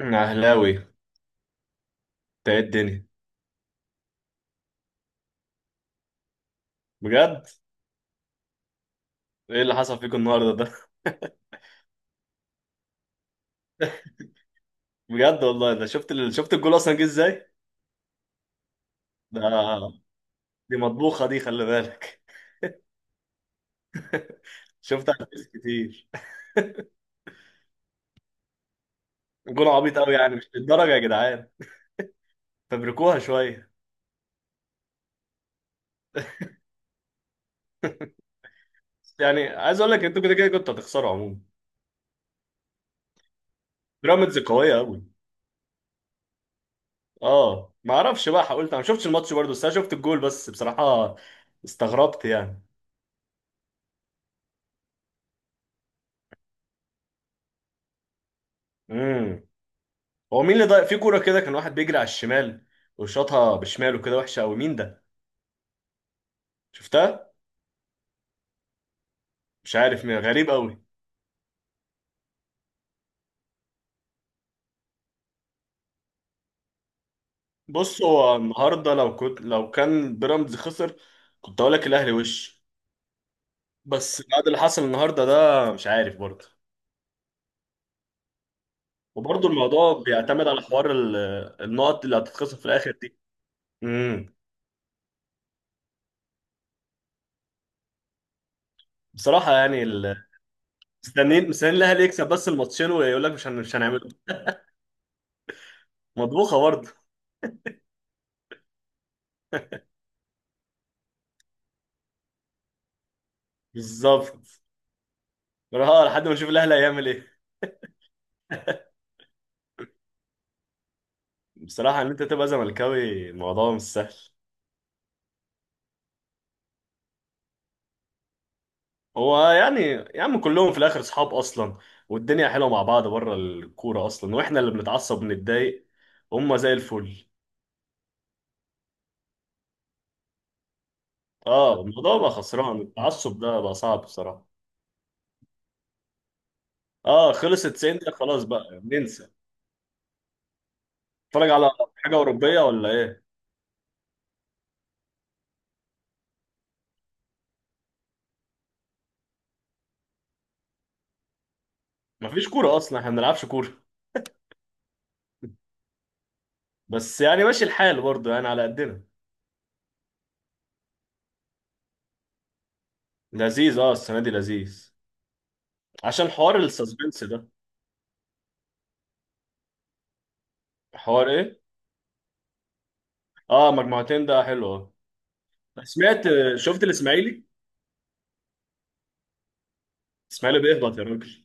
اهلاوي انت؟ ايه الدنيا؟ بجد. ايه اللي حصل فيكم النهارده ده؟ بجد والله ده. شفت الجول اصلا جه ازاي ده؟ دي مطبوخه دي، خلي بالك. شفتها على الفيس كتير. جول عبيط قوي يعني، مش للدرجه يا جدعان، فبركوها شويه. يعني عايز اقول لك، انتوا كده كده كنتوا هتخسروا عموما، بيراميدز قويه قوي. اه ما اعرفش بقى، قلت انا ما شفتش الماتش برضه، بس انا شفت الجول بس بصراحه، استغربت يعني. امم هو مين اللي ضايق في كوره كده؟ كان واحد بيجري على الشمال وشاطها بشماله كده، وحشه قوي، مين ده؟ شفتها؟ مش عارف مين، غريب قوي. بص، هو النهارده، لو كان بيراميدز خسر كنت اقول لك الاهلي وش، بس بعد اللي حصل النهارده ده مش عارف برضه. وبرضه الموضوع بيعتمد على حوار النقط اللي هتتخصم في الاخر دي. امم بصراحه يعني مستنيين مستنيين الاهلي يكسب بس الماتشين، ويقول لك مش هنعمله. مطبوخه برضه. بالظبط. اه لحد ما نشوف الاهلي هيعمل ايه. بصراحه ان انت تبقى زملكاوي الموضوع مش سهل. هو يعني، يا عم كلهم في الاخر اصحاب اصلا، والدنيا حلوه مع بعض بره الكوره اصلا، واحنا اللي بنتعصب بنتضايق. هم زي الفل. اه الموضوع بقى خسران، التعصب ده بقى صعب بصراحه. اه خلص 90 دقيقه خلاص، بقى ننسى. نتفرج على حاجه اوروبيه ولا ايه؟ مفيش كوره اصلا، احنا ما بنلعبش كوره. بس يعني ماشي الحال برضه يعني على قدنا. لذيذ، اه السنه دي لذيذ، عشان حوار السسبنس ده. حوار ايه؟ اه، مجموعتين ده حلو اه. سمعت؟ شفت الاسماعيلي؟ الاسماعيلي بيهبط يا راجل.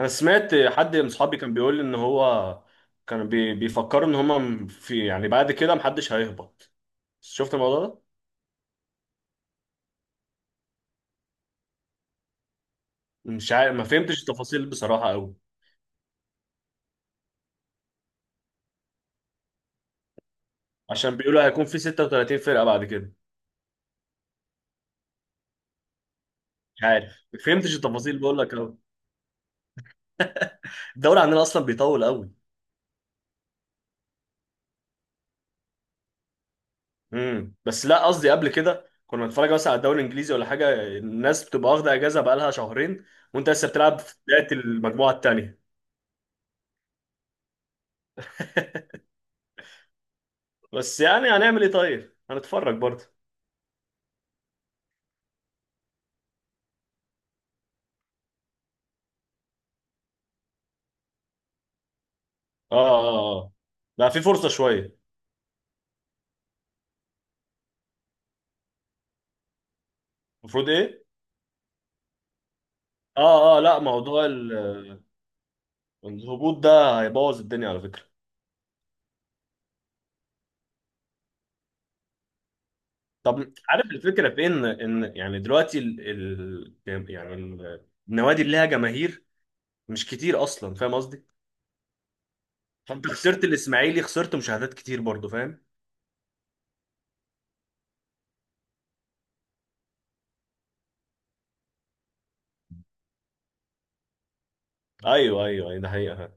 انا سمعت حد من اصحابي كان بيقول لي ان هو بيفكروا ان هم في يعني بعد كده محدش هيهبط. شفت الموضوع ده؟ مش عارف، ما فهمتش التفاصيل بصراحة قوي. عشان بيقولوا هيكون في 36 فرقة بعد كده. مش عارف، ما فهمتش التفاصيل بقول لك قوي، الدوري عندنا اصلا بيطول قوي. بس لا، قصدي قبل كده كنا بنتفرج مثلا على الدوري الانجليزي ولا حاجة، الناس بتبقى واخدة اجازة بقالها شهرين، وانت لسه بتلعب في بداية المجموعة التانية. بس يعني هنعمل ايه؟ طيب هنتفرج برضه. اه اه اه، بقى في فرصة شوية. المفروض ايه؟ اه اه، لا، موضوع الهبوط ده هيبوظ الدنيا على فكرة. طب عارف الفكرة، في ان يعني دلوقتي ال ال يعني النوادي اللي لها جماهير مش كتير اصلا، فاهم قصدي؟ فانت خسرت الاسماعيلي، خسرت مشاهدات كتير برضو، فاهم. ايوه، ايوه، أيوة، ده حقيقة.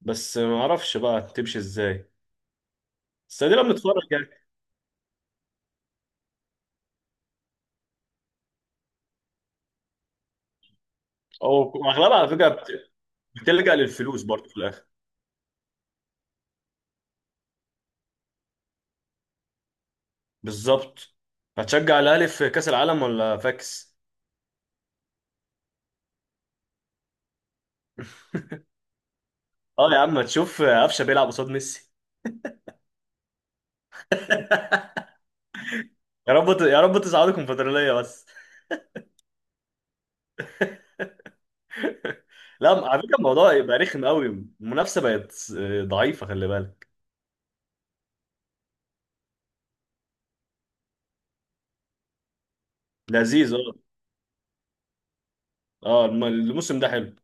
بس ما اعرفش بقى تمشي ازاي، بس ادينا بنتفرج يعني. او، اغلبها على فكرة بتلجأ للفلوس برضو في الاخر. بالظبط. هتشجع الاهلي في كاس العالم ولا فاكس؟ اه يا عم، تشوف قفشه بيلعب قصاد ميسي. يا رب يا رب تصعدوا الكونفدراليه بس. لا، على فكره الموضوع يبقى رخم قوي، المنافسه بقت ضعيفه، خلي بالك. لذيذ اه. اه الموسم ده حلو.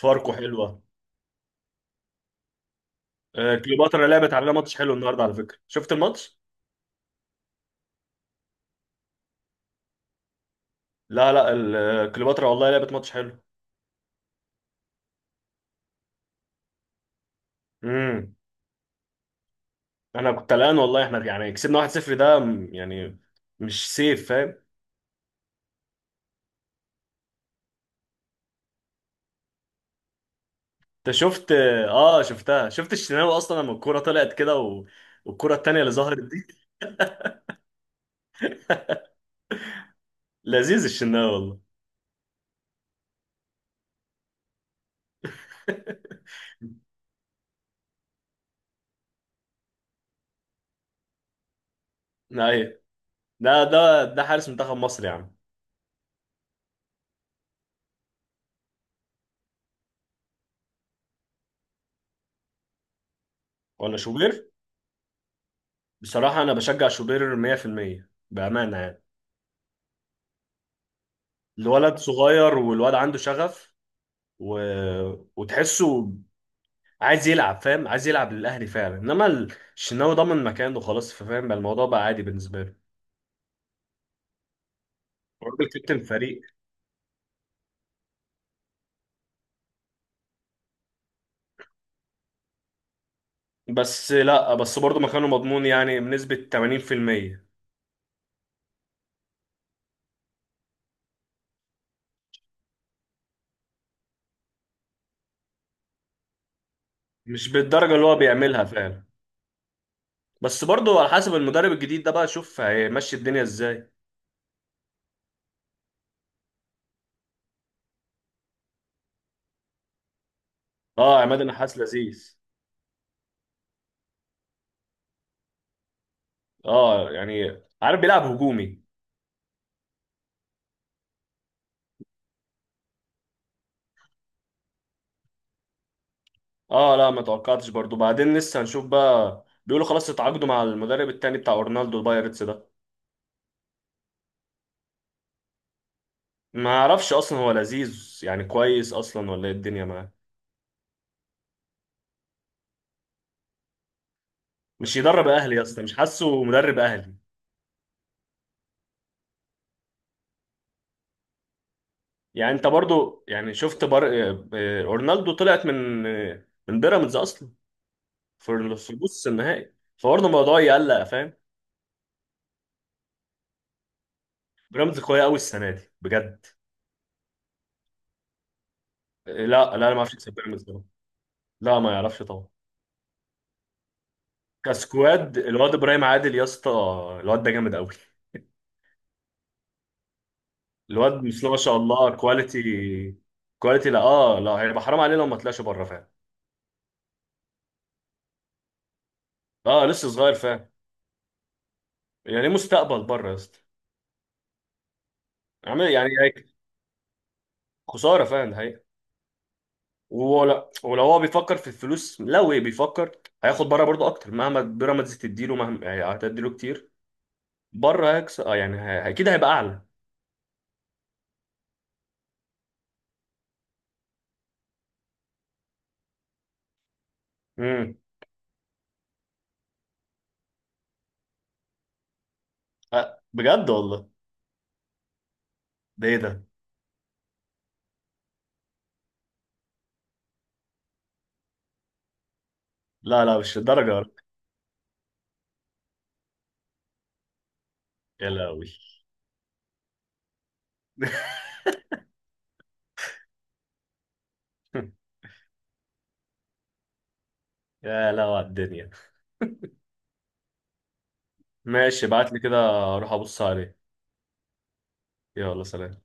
فاركو حلوه. كليوباترا لعبت علينا ماتش حلو النهارده، على فكره شفت الماتش؟ لا لا، كليوباترا والله لعبت ماتش حلو. امم انا كنت قلقان والله، احنا يعني كسبنا 1-0 ده يعني مش سيف، فاهم؟ انت شفت؟ اه شفتها، شفت الشناوي اصلا لما الكوره طلعت كده والكوره التانيه اللي ظهرت دي. لذيذ الشناوي. والله ايوه، ده حارس منتخب مصر يا عم. ولا شوبير؟ بصراحه انا بشجع شوبير 100% بامانه يعني. الولد صغير، والولد عنده شغف و... وتحسه عايز يلعب، فاهم؟ عايز يلعب للاهلي فعلا، انما الشناوي ضمن مكانه خلاص، فاهم؟ بقى الموضوع بقى عادي بالنسبه له، الراجل كابتن فريق. بس لا بس برضه مكانه مضمون يعني بنسبه 80%، مش بالدرجة اللي هو بيعملها فعلا، بس برضه على حسب المدرب الجديد ده بقى، شوف هيمشي الدنيا ازاي. اه عماد النحاس لذيذ. اه يعني عارف، بيلعب هجومي. اه لا ما توقعتش برضه، بعدين لسه هنشوف بقى، بيقولوا خلاص اتعاقدوا مع المدرب التاني بتاع اورنالدو البايرتس ده. ما اعرفش اصلا هو لذيذ يعني كويس اصلا ولا ايه الدنيا معاه. مش يدرب اهلي يا اسطى، مش حاسه مدرب اهلي. يعني انت برضه يعني شفت بر... آه، آه، اورنالدو طلعت من من بيراميدز اصلا في نص النهائي، فبرضه الموضوع يقلق، فاهم؟ بيراميدز قويه قوي السنه دي بجد. لا لا، انا ما اعرفش يكسب بيراميدز طبعاً. لا ما يعرفش طبعا. كسكواد الواد ابراهيم عادل يا اسطى، الواد ده جامد قوي. الواد بسم الله ما شاء الله، كواليتي. كواليتي، لا اه، لا هيبقى حرام عليه لو ما طلعش بره، فاهم. اه لسه صغير، فاهم. يعني ليه مستقبل بره يا اسطى. عامل يعني هيك. خساره، فاهم، ده حقيقة. ولا ولو هو بيفكر في الفلوس لو إيه بيفكر، هياخد بره برضه اكتر، مهما بيراميدز تديله، مهما يعني هتديله كتير، بره هيكسب اه يعني اكيد هيبقى اعلى. امم أه بجد والله. ده ايه ده؟ لا لا مش الدرجه يا رب. يا لهوي. يا لهوي على الدنيا. ماشي، ابعت لي كده، اروح ابص عليه. يلا سلام.